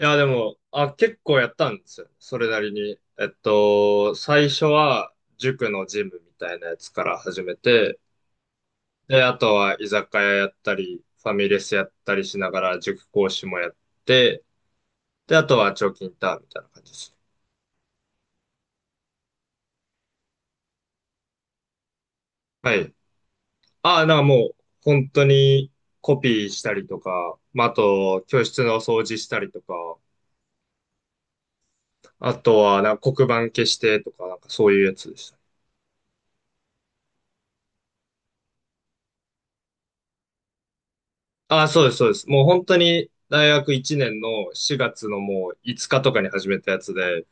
いや、でも、あ、結構やったんですよ。それなりに。最初は塾のジムみたいなやつから始めて、で、あとは居酒屋やったり、ファミレスやったりしながら塾講師もやって、で、あとは長期インターンみたいな感じですね。はい。あ、なんかもう、本当にコピーしたりとか、まあ、あと、教室の掃除したりとか、あとは、なんか黒板消してとか、なんかそういうやつです。あ、そうです、そうです。もう本当に大学1年の4月のもう5日とかに始めたやつで、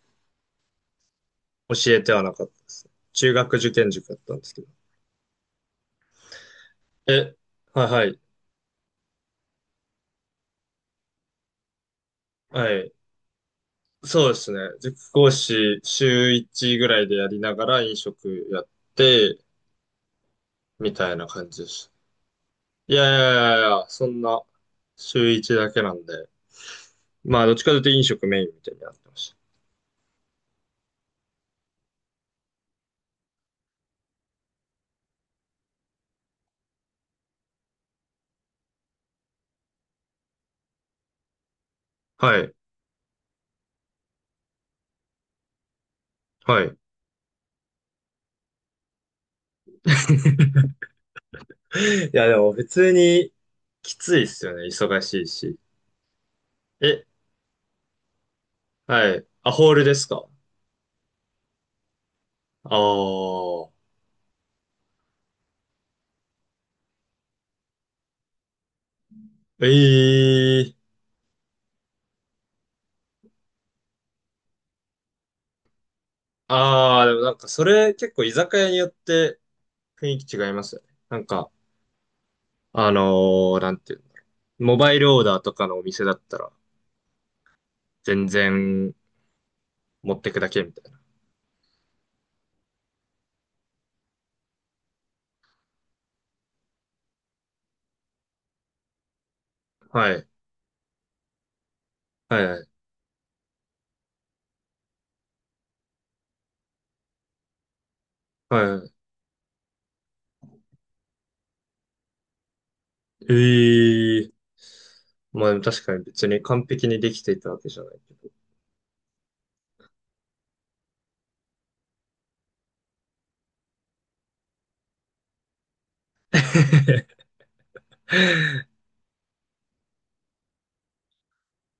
教えてはなかったです。中学受験塾だったんですけど。え、はいはい。はい。そうですね。塾講師週1ぐらいでやりながら飲食やって、みたいな感じです。いやいやいやいや、そんな週1だけなんで。まあ、どっちかというと飲食メインみたいになってました。はい。はい。いや、でも普通にきついっすよね。忙しいし。え、はい。あ、ホールですか？ああ、ええー、ああ、でもなんかそれ結構居酒屋によって雰囲気違いますよね。なんか、なんていうの。モバイルオーダーとかのお店だったら全然持ってくだけみたいな。はい。はいはい。はい。ええー、まあでも確かに別に完璧にできていたわけじゃないけど。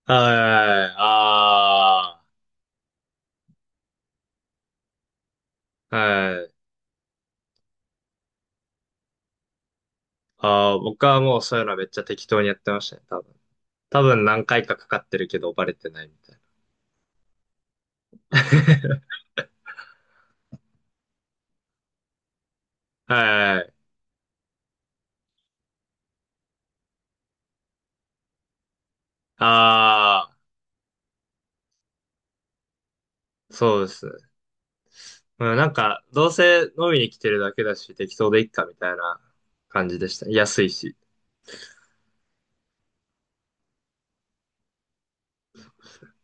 はい。ああ。はい。ああ、僕はもうそういうのはめっちゃ適当にやってましたね、多分。多分何回かかかってるけどバレてないみたいな。はいはい。ああ、そうですね。うん、なんか、どうせ飲みに来てるだけだし、適当でいっかみたいな感じでした。安いし。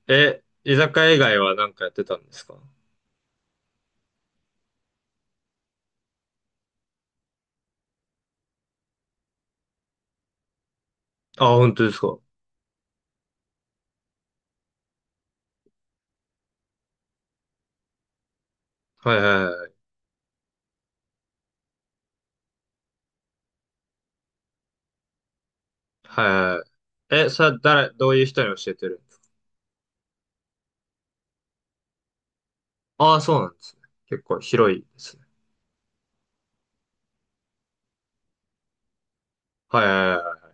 え、居酒屋以外は何かやってたんですか？あ、本当ですか。はいはいはい。はいはい。え、それは誰、どういう人に教えてるんですか？ああ、そうなんですね。結構広いですね。はいはいは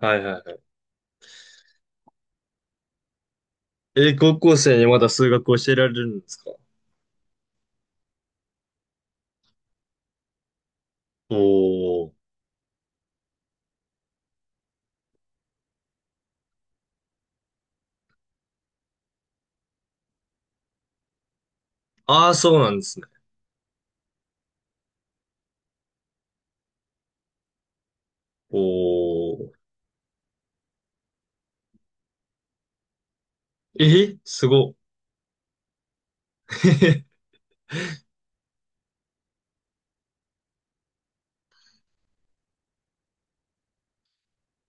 い。はいはいはい。え、高校生にまだ数学教えられるんですか？おー。ああ、そうなんですね。おー。えすごっ。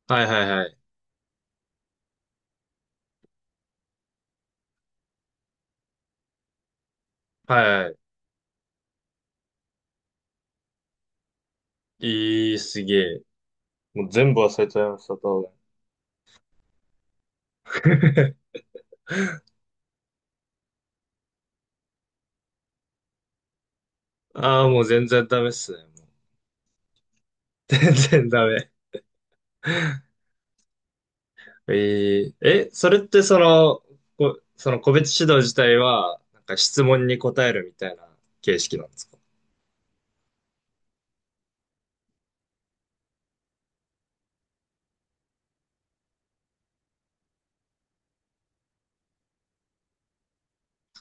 はいはいはい。はいはい。いい、すげえ。もう全部忘れちゃいました、多分。ああ、もう全然ダメっすね。もう 全然ダメ。えええ、それってその個別指導自体は、なんか質問に答えるみたいな形式なんですか？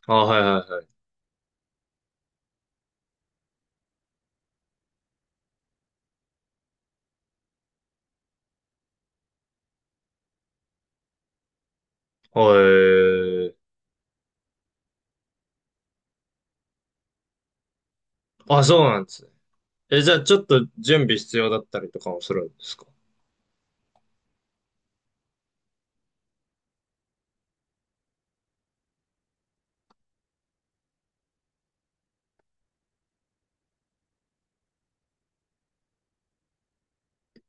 あ、はいはいはい。はい。あ、そうなんですね。え、じゃあちょっと準備必要だったりとかもするんですか？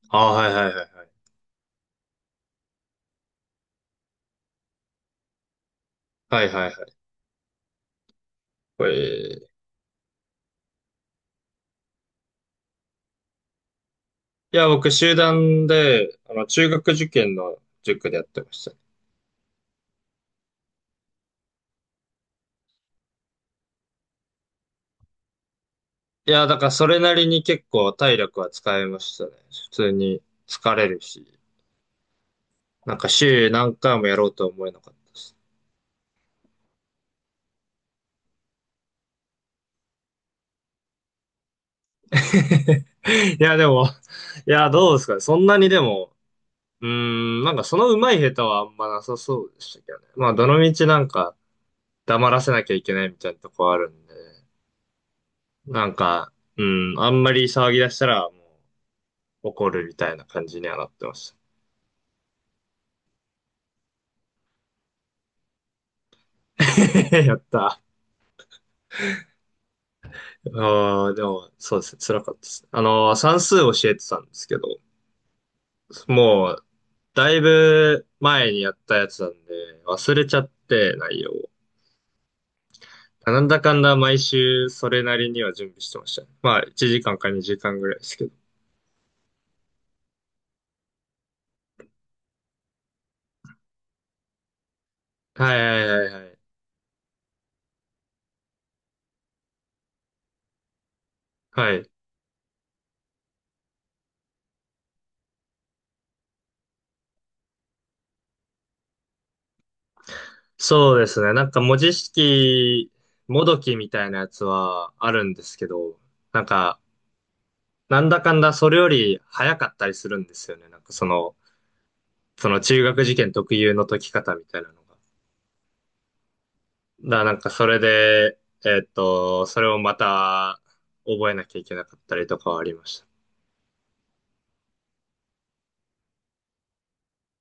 あ、はいはいはいはい。はいはいはい。へえ。いや、僕、集団で、あの、中学受験の塾でやってました。いや、だからそれなりに結構体力は使えましたね。普通に疲れるし、なんか週何回もやろうとは思えなかったし。いや、でも、いや、どうですかね。そんなにでも、うーん、なんかその上手い下手はあんまなさそうでしたけどね。まあ、どのみちなんか黙らせなきゃいけないみたいなとこあるんで、なんか、うん、あんまり騒ぎ出したらもう怒るみたいな感じにはなってましたね。やった。ああ、でも、そうですね。辛かったです。算数教えてたんですけど、もう、だいぶ前にやったやつなんで、忘れちゃって、内容を。なんだかんだ毎週、それなりには準備してましたね。まあ、1時間か2時間ぐらいですけど。はいはいはいはい。はい。そうですね。なんか文字式、もどきみたいなやつはあるんですけど、なんか、なんだかんだそれより早かったりするんですよね。なんかその中学受験特有の解き方みたいなのが。だからなんかそれで、それをまた覚えなきゃいけなかったりとかはありました。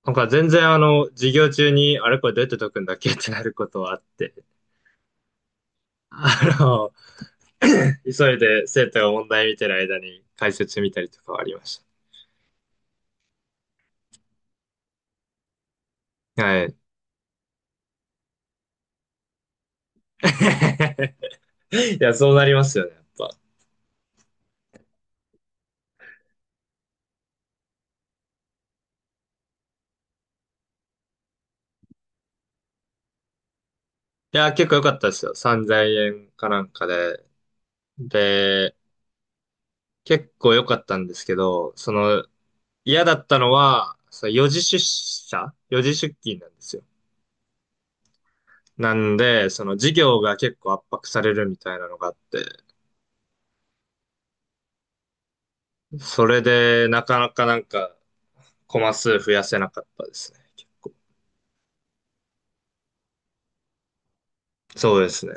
なんか全然授業中に、あれこれどうやって解くんだっけってなることはあって、あの、急いで生徒が問題見てる間に解説見たりとかはありました。はい。いや、そうなりますよね、やっぱ。いや、結構良かったですよ。3000円かなんかで。で、結構良かったんですけど、嫌だったのは、その時出社四時出勤なんですよ。なんで、その授業が結構圧迫されるみたいなのがあって、それでなかなかなんかコマ数増やせなかったですね。結構。そうですね。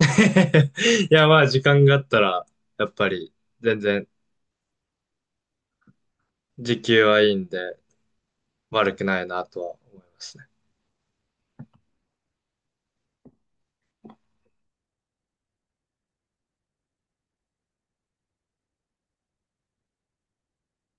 いや、まあ時間があったら、やっぱり全然時給はいいんで悪くないなとは思います。